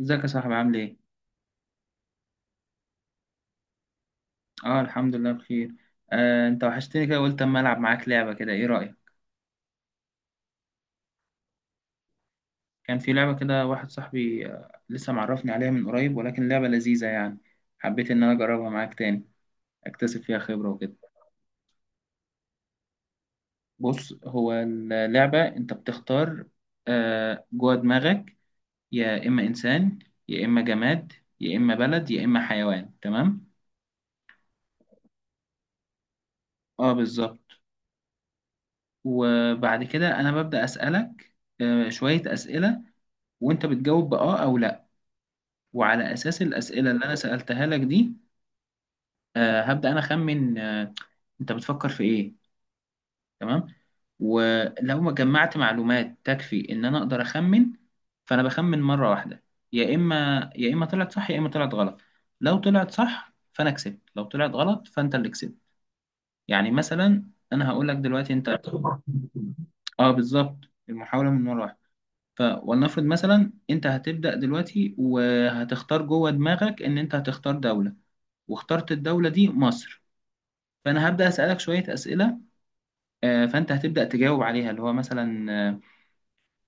ازيك يا صاحبي، عامل ايه؟ اه، الحمد لله بخير. انت وحشتني كده، قلت اما العب معاك لعبة كده، ايه رأيك؟ كان في لعبة كده واحد صاحبي لسه معرفني عليها من قريب، ولكن لعبة لذيذة يعني. حبيت ان انا اجربها معاك تاني، اكتسب فيها خبرة وكده. بص، هو اللعبة انت بتختار جوه دماغك، يا اما انسان، يا اما جماد، يا اما بلد، يا اما حيوان، تمام؟ اه، بالظبط. وبعد كده انا ببدأ اسألك شوية اسئلة، وانت بتجاوب بآه او لا، وعلى اساس الاسئله اللي انا سالتها لك دي، هبدا انا اخمن انت بتفكر في ايه. تمام؟ ولو ما جمعت معلومات تكفي ان انا اقدر اخمن، فانا بخمن مره واحده، يا اما طلعت صح يا اما طلعت غلط. لو طلعت صح فانا كسبت، لو طلعت غلط فانت اللي كسبت. يعني مثلا انا هقول لك دلوقتي انت... اه، بالظبط. المحاوله من مره واحده. فولنفرض مثلا انت هتبدا دلوقتي وهتختار جوه دماغك ان انت هتختار دوله، واخترت الدولة دي مصر. فأنا هبدأ أسألك شوية أسئلة، فأنت هتبدأ تجاوب عليها اللي هو مثلا آه،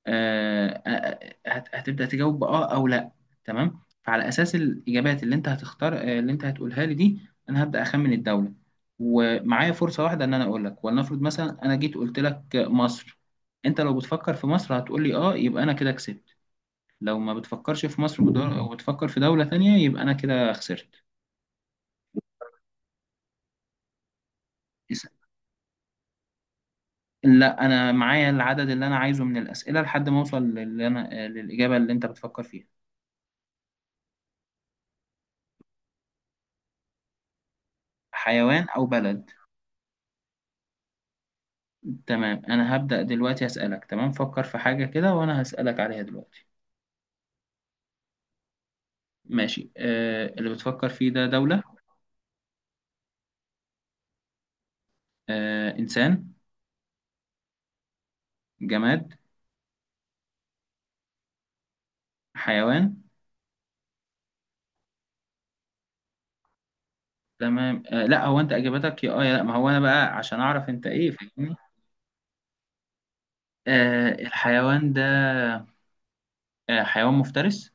آه، آه، هتبدأ تجاوب بآه أو لأ. تمام. فعلى أساس الإجابات اللي أنت هتختار اللي أنت هتقولها لي دي، أنا هبدأ أخمن الدولة. ومعايا فرصة واحدة إن أنا أقول لك. ولنفرض مثلا أنا جيت قلت لك مصر، أنت لو بتفكر في مصر هتقول لي آه، يبقى أنا كده كسبت. لو ما بتفكرش في مصر وبتفكر في دولة تانية، يبقى أنا كده خسرت. لا، انا معايا العدد اللي انا عايزه من الاسئله لحد ما اوصل للي انا للاجابه اللي انت بتفكر فيها. حيوان او بلد؟ تمام. انا هبدا دلوقتي اسالك. تمام، فكر في حاجه كده وانا هسالك عليها دلوقتي. ماشي، اللي بتفكر فيه ده دوله؟ انسان؟ جماد؟ حيوان؟ تمام. لا، هو انت اجابتك يا اه يا لا، ما هو انا بقى عشان اعرف انت ايه، فاهمني؟ الحيوان ده حيوان مفترس؟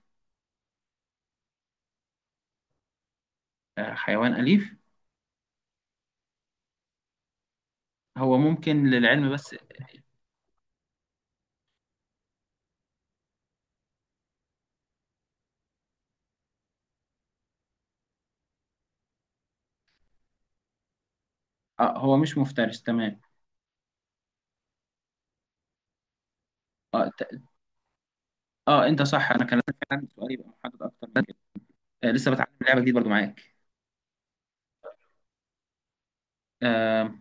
حيوان اليف؟ هو ممكن للعلم بس. هو مش مفترس، تمام. اه ت- اه، انت صح، انا كان لازم كان عندي سؤال يبقى محدد اكتر من كده. لسه بتعلم لعبه جديده برضو معاك. آه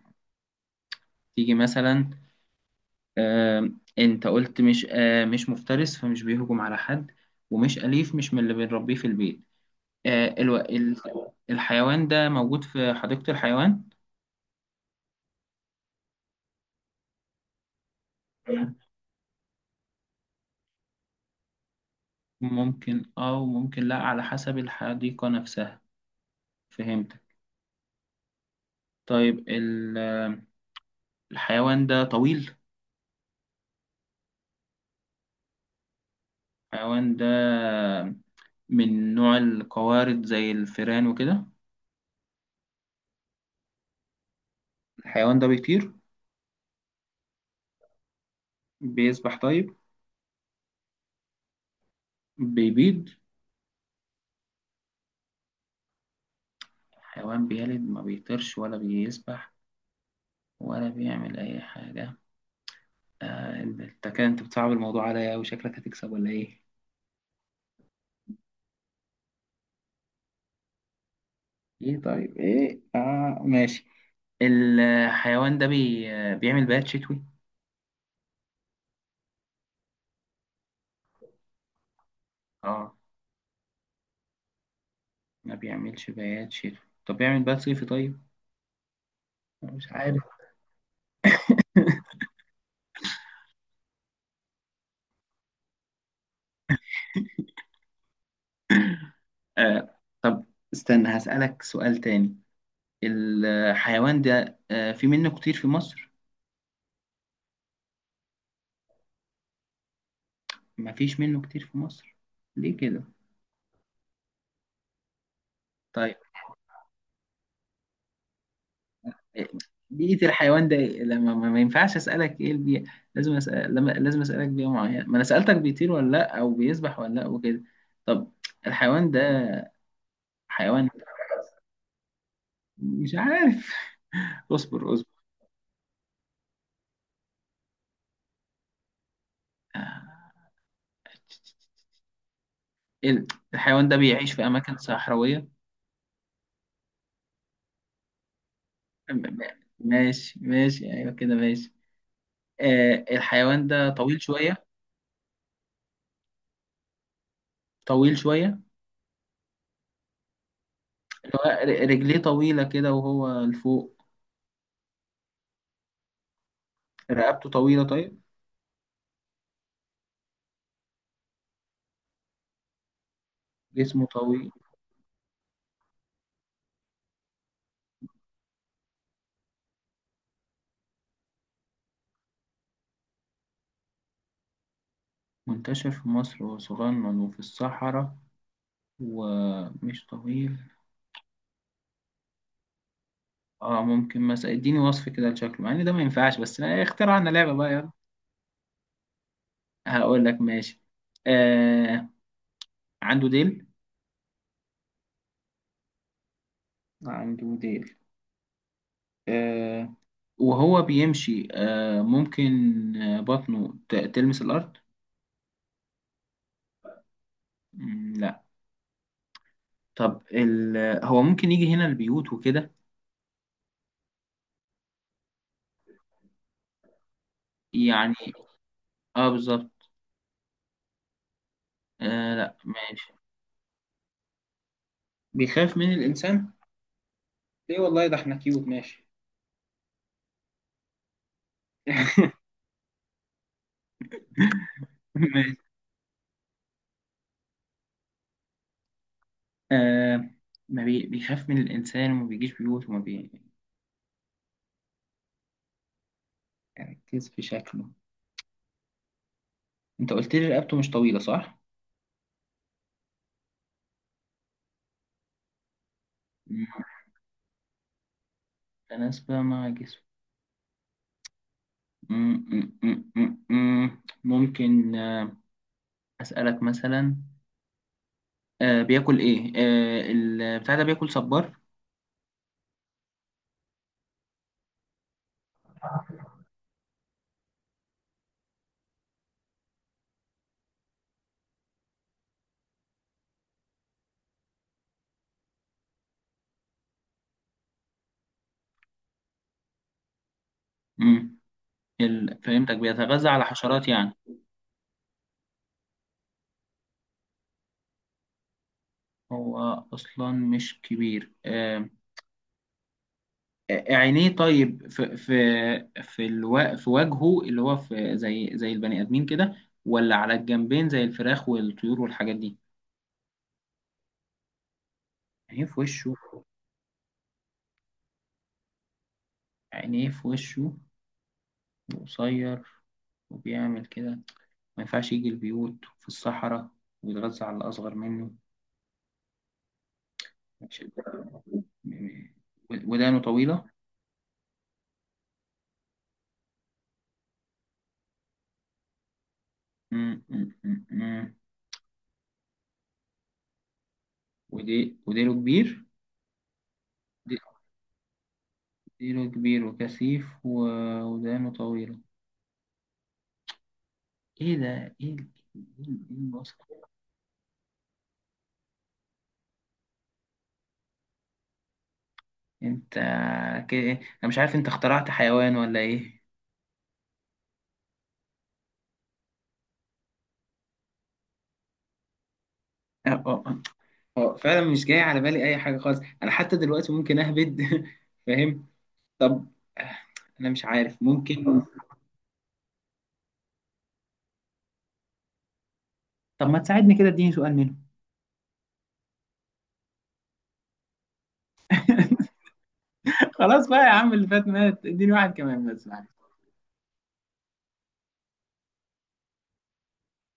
تيجي مثلا. آه انت قلت مش مش مفترس، فمش بيهجم على حد. ومش اليف، مش من اللي بنربيه في البيت. آه الو... ال... الحيوان ده موجود في حديقه الحيوان؟ ممكن اه وممكن لا، على حسب الحديقه نفسها. فهمت. طيب، ال... آه، الحيوان ده طويل؟ الحيوان ده من نوع القوارض زي الفيران وكده؟ الحيوان ده بيطير؟ بيسبح طيب؟ بيبيض؟ حيوان بيلد، ما بيطيرش ولا بيسبح ولا بيعمل أي حاجة. انت كده انت بتصعب الموضوع عليا أوي، شكلك هتكسب ولا ايه؟ ايه، طيب، ايه، اه، ماشي. الحيوان ده بيعمل بيات شتوي؟ اه، ما بيعملش بيات شتوي. طب بيعمل بيات صيفي طيب؟ مش عارف. طب استنى هسألك سؤال تاني. الحيوان ده في منه كتير في مصر؟ ما فيش منه كتير في مصر. ليه كده؟ طيب إيه- بيئة الحيوان ده إيه؟ لما ما ينفعش أسألك إيه البيئة، لازم أسأل لما لازم أسألك بيئة معينة. ما أنا سألتك بيطير ولا لأ أو بيسبح ولا لأ وكده. طب الحيوان ده حيوان... مش عارف. اصبر اصبر. آه، ال- الحيوان ده بيعيش في أماكن صحراوية. م- ماشي ماشي، أيوه كده، ماشي. الحيوان ده طويل شوية. طويل شوية. اللي هو رجليه طويلة كده وهو لفوق؟ رقبته طويلة طيب؟ جسمه طويل؟ منتشر في مصر وصغنن وفي الصحراء ومش طويل. اه، ممكن مثلا اديني وصف كده لشكله، مع ان ده ما ينفعش بس اخترعنا لعبة بقى، يلا. هقول لك ماشي. آه عنده ديل عنده ديل. آه وهو بيمشي ممكن بطنه تلمس الأرض؟ لا. طب هو ممكن يجي هنا البيوت وكده؟ يعني؟ اه، بالظبط. لا، ماشي. بيخاف من الإنسان. ليه؟ والله ده احنا كيوت، ماشي. ماشي. آه ما بي... بيخاف من الإنسان وما بيجيش بيوت وما... بيركز في شكله. أنت قلت لي رقبته مش طويلة صح؟ مم، تناسبة مع جسمه. ممكن أسألك مثلا بياكل إيه؟ البتاع ده بياكل صبار؟ مم. فهمتك، بيتغذى على حشرات يعني. هو أصلا مش كبير عينيه طيب، في في وجهه، اللي هو في زي البني ادمين كده، ولا على الجنبين زي الفراخ والطيور والحاجات دي؟ عينيه في وشه عينيه في وشه. وقصير، وبيعمل كده، ما ينفعش يجي البيوت، في الصحراء، ويتغذى على الأصغر منه. مش- ودانه طويلة. مم، مم، مم، مم. وديله كبير. دي- ديله كبير وكثيف، ودانه طويلة. ايه ده، إيه الوصف؟ انت انا مش عارف، انت اخترعت حيوان ولا ايه؟ اه اه آه، فعلا مش جاي على بالي اي حاجه خالص، انا حتى دلوقتي ممكن اهبد. فاهم. طب آه، انا مش عارف ممكن. طب ما تساعدني كده، اديني سؤال منه. خلاص بقى يا عم، اللي فات مات، اديني واحد كمان بس، معلش.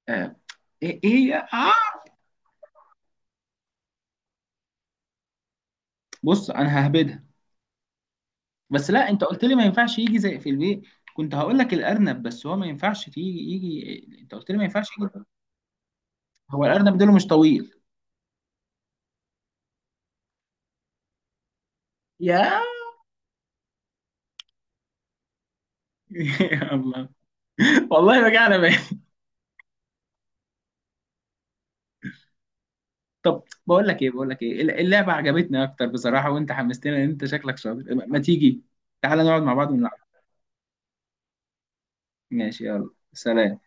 آه، ايه. بص انا ههبدها، بس لا انت قلت لي ما ينفعش يجي زي في البيت. كنت هقول لك الارنب، بس هو ما ينفعش يجي، انت قلت لي ما ينفعش يجي. هو الارنب ديله مش طويل. يا يا الله! والله رجعنا بقى. طب بقول لك ايه، اللعبه عجبتني اكتر بصراحه، وانت حمستني ان انت شكلك شاطر، ما تيجي تعالى نقعد مع بعض ونلعب. ماشي، يلا سلام.